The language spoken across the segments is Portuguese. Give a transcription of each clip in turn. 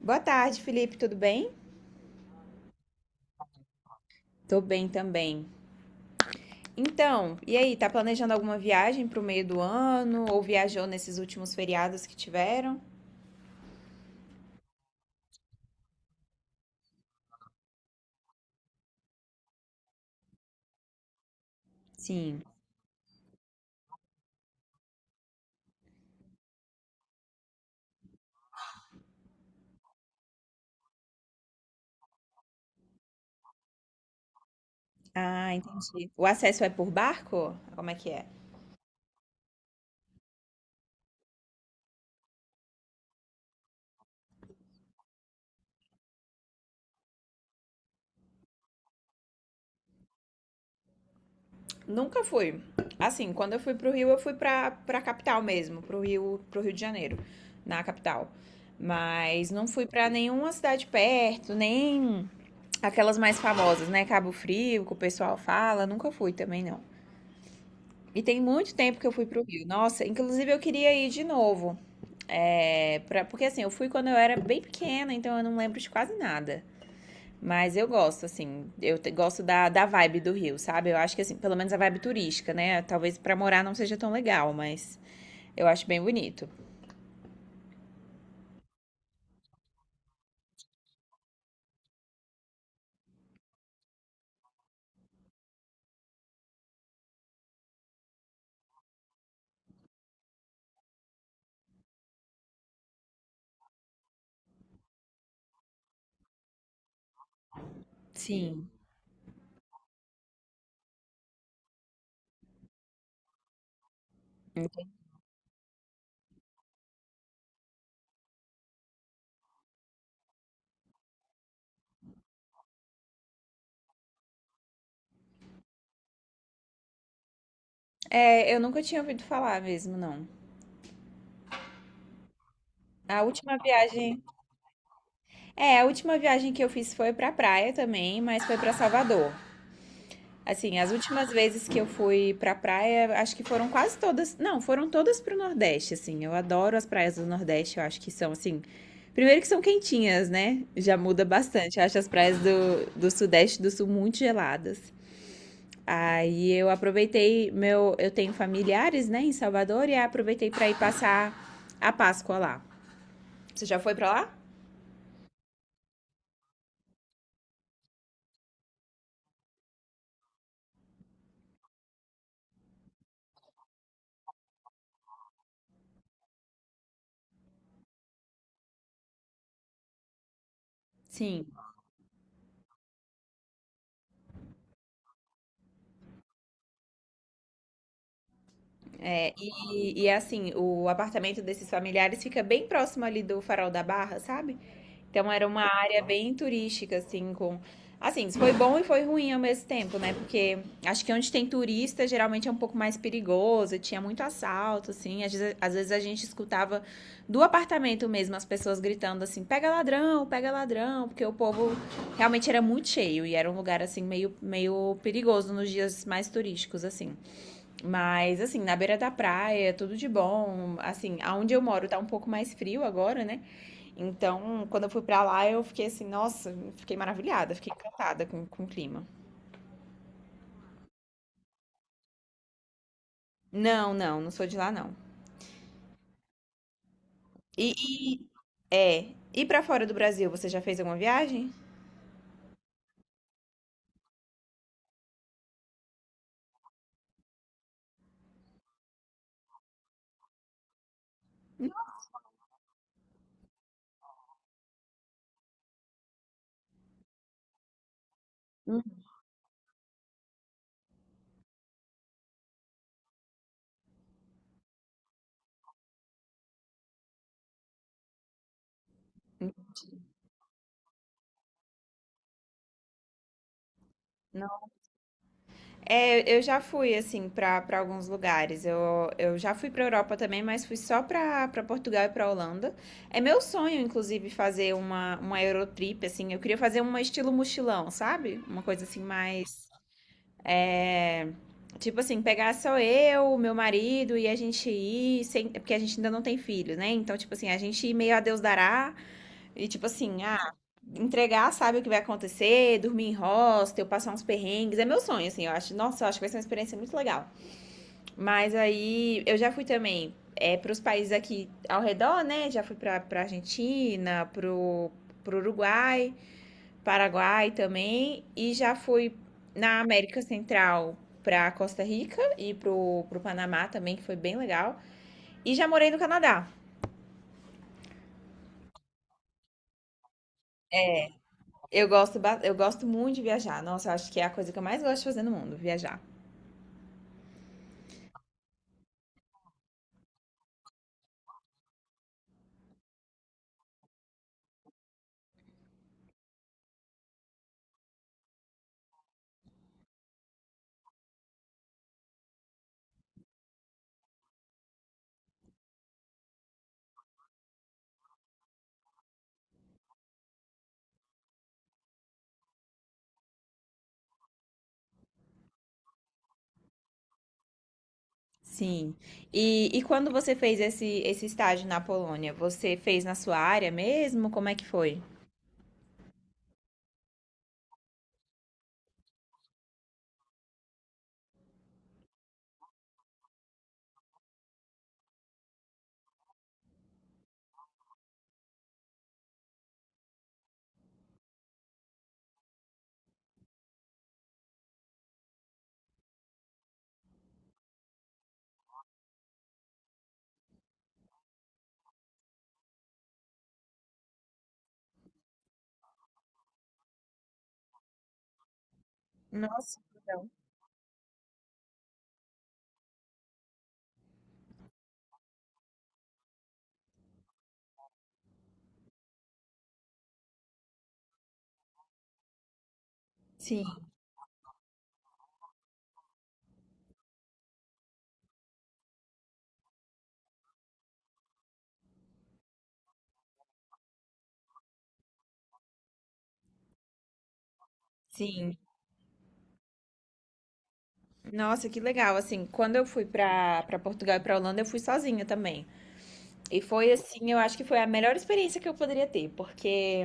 Boa tarde, Felipe, tudo bem? Tô bem também. Então, e aí, tá planejando alguma viagem pro meio do ano ou viajou nesses últimos feriados que tiveram? Sim. Ah, entendi. O acesso é por barco? Como é que é? Nunca fui. Assim, quando eu fui pro Rio, eu fui pra capital mesmo, pro Rio de Janeiro, na capital. Mas não fui pra nenhuma cidade perto, nem aquelas mais famosas, né? Cabo Frio, que o pessoal fala, nunca fui também não. E tem muito tempo que eu fui pro Rio. Nossa, inclusive eu queria ir de novo. Porque assim, eu fui quando eu era bem pequena, então eu não lembro de quase nada. Mas eu gosto, assim, gosto da vibe do Rio, sabe? Eu acho que assim, pelo menos a vibe turística, né? Talvez pra morar não seja tão legal, mas eu acho bem bonito. Sim. É, eu nunca tinha ouvido falar mesmo, não. A última viagem, é, a última viagem que eu fiz foi pra praia também, mas foi pra Salvador. Assim, as últimas vezes que eu fui pra praia, acho que foram quase todas. Não, foram todas pro Nordeste, assim. Eu adoro as praias do Nordeste, eu acho que são, assim. Primeiro que são quentinhas, né? Já muda bastante. Eu acho as praias do Sudeste e do Sul muito geladas. Aí eu aproveitei meu. Eu tenho familiares, né, em Salvador, e aí aproveitei pra ir passar a Páscoa lá. Você já foi pra lá? Sim. É, e assim, o apartamento desses familiares fica bem próximo ali do Farol da Barra, sabe? Então era uma área bem turística, assim, com. Assim, foi bom e foi ruim ao mesmo tempo, né? Porque acho que onde tem turista geralmente é um pouco mais perigoso, tinha muito assalto, assim. Às vezes a gente escutava do apartamento mesmo as pessoas gritando assim: pega ladrão, porque o povo realmente era muito cheio e era um lugar, assim, meio perigoso nos dias mais turísticos, assim. Mas, assim, na beira da praia, tudo de bom. Assim, aonde eu moro tá um pouco mais frio agora, né? Então, quando eu fui pra lá, eu fiquei assim, nossa, fiquei maravilhada, fiquei encantada com o clima. Não, não, não sou de lá, não. E, e- é, e pra fora do Brasil, você já fez alguma viagem? Hum. Não. É, eu já fui, assim, pra alguns lugares. Eu já fui pra Europa também, mas fui só pra Portugal e pra Holanda. É meu sonho, inclusive, fazer uma Eurotrip, assim. Eu queria fazer um estilo mochilão, sabe? Uma coisa assim mais. É, tipo assim, pegar só eu, meu marido e a gente ir, sem, porque a gente ainda não tem filhos, né? Então, tipo assim, a gente ir meio a Deus dará e, tipo assim, ah, entregar, sabe o que vai acontecer, dormir em hostel, passar uns perrengues. É meu sonho, assim, eu acho. Nossa, eu acho que vai ser uma experiência muito legal. Mas aí, eu já fui também é, para os países aqui ao redor, né? Já fui pra Argentina, pro Uruguai. Paraguai também, e já fui na América Central para Costa Rica e pro Panamá também, que foi bem legal. E já morei no Canadá. Eu gosto muito de viajar. Nossa, eu acho que é a coisa que eu mais gosto de fazer no mundo, viajar. Sim. E quando você fez esse estágio na Polônia, você fez na sua área mesmo? Como é que foi? Nossa, então. Sim, sim. Nossa, que legal. Assim, quando eu fui para Portugal e para Holanda, eu fui sozinha também. E foi assim, eu acho que foi a melhor experiência que eu poderia ter, porque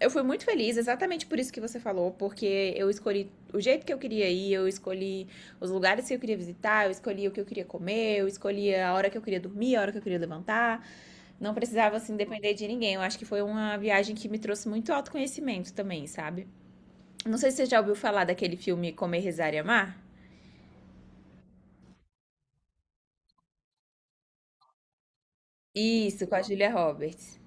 eu fui muito feliz, exatamente por isso que você falou, porque eu escolhi o jeito que eu queria ir, eu escolhi os lugares que eu queria visitar, eu escolhi o que eu queria comer, eu escolhi a hora que eu queria dormir, a hora que eu queria levantar. Não precisava, assim, depender de ninguém. Eu acho que foi uma viagem que me trouxe muito autoconhecimento também, sabe? Não sei se você já ouviu falar daquele filme Comer, Rezar e Amar. Isso, com a Julia Roberts.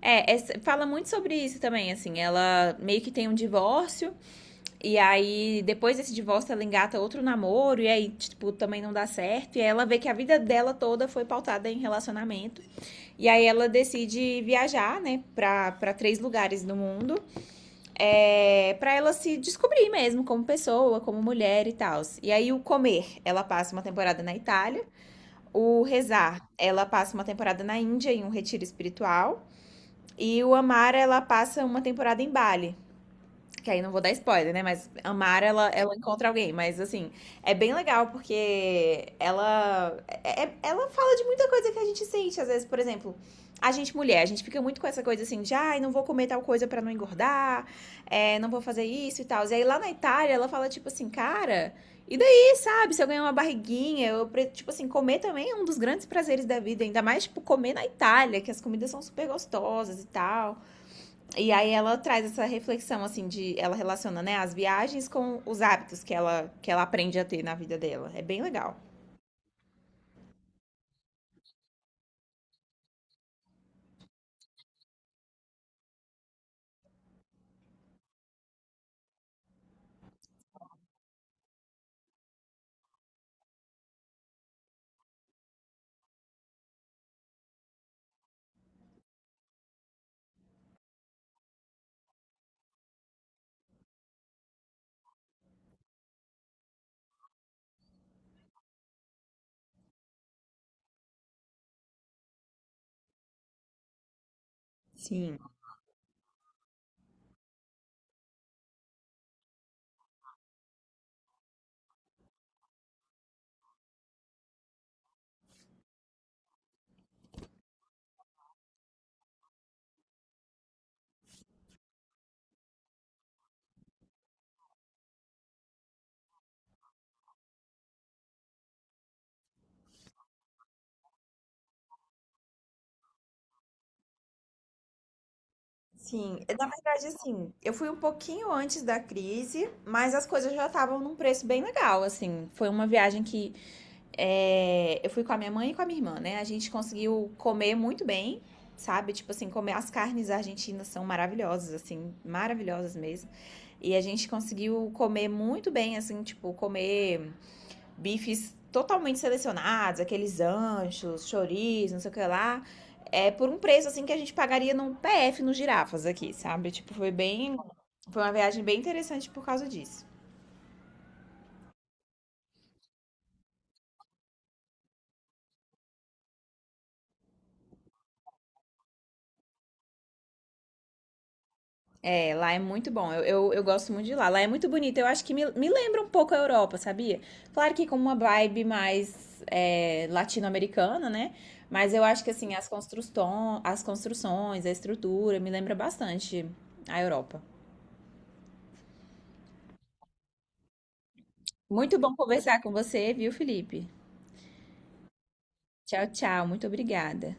É, essa- fala muito sobre isso também, assim, ela meio que tem um divórcio. E aí, depois desse divórcio, ela engata outro namoro, e aí, tipo, também não dá certo. E aí ela vê que a vida dela toda foi pautada em relacionamento. E aí ela decide viajar, né, pra três lugares do mundo, é, pra ela se descobrir mesmo como pessoa, como mulher e tal. E aí, o comer, ela passa uma temporada na Itália. O rezar, ela passa uma temporada na Índia, em um retiro espiritual. E o amar, ela passa uma temporada em Bali. Que aí não vou dar spoiler, né? Mas a Mara, ela encontra alguém. Mas, assim, é bem legal porque ela, ela fala de muita coisa que a gente sente. Às vezes, por exemplo, a gente mulher, a gente fica muito com essa coisa assim de, ai, não vou comer tal coisa pra não engordar, é, não vou fazer isso e tal. E aí, lá na Itália, ela fala, tipo assim, cara, e daí, sabe? Se eu ganhar uma barriguinha, tipo assim, comer também é um dos grandes prazeres da vida. Ainda mais, tipo, comer na Itália, que as comidas são super gostosas e tal. E aí ela traz essa reflexão, assim, de ela relaciona, né, as viagens com os hábitos que ela aprende a ter na vida dela. É bem legal. Sim. Sim, na verdade, assim, eu fui um pouquinho antes da crise, mas as coisas já estavam num preço bem legal, assim. Foi uma viagem que é, eu fui com a minha mãe e com a minha irmã, né? A gente conseguiu comer muito bem, sabe? Tipo assim, comer as carnes argentinas são maravilhosas, assim, maravilhosas mesmo. E a gente conseguiu comer muito bem, assim, tipo, comer bifes totalmente selecionados, aqueles anchos, chouriços, não sei o que lá, é por um preço assim que a gente pagaria num PF nos girafas aqui, sabe? Tipo, foi bem. Foi uma viagem bem interessante por causa disso. É, lá é muito bom. Eu gosto muito de lá. Lá é muito bonito. Eu acho que me lembra um pouco a Europa, sabia? Claro que com uma vibe mais é, latino-americana, né? Mas eu acho que assim, as, construção, as construções, a estrutura, me lembra bastante a Europa. Muito bom conversar com você, viu, Felipe? Tchau, tchau. Muito obrigada.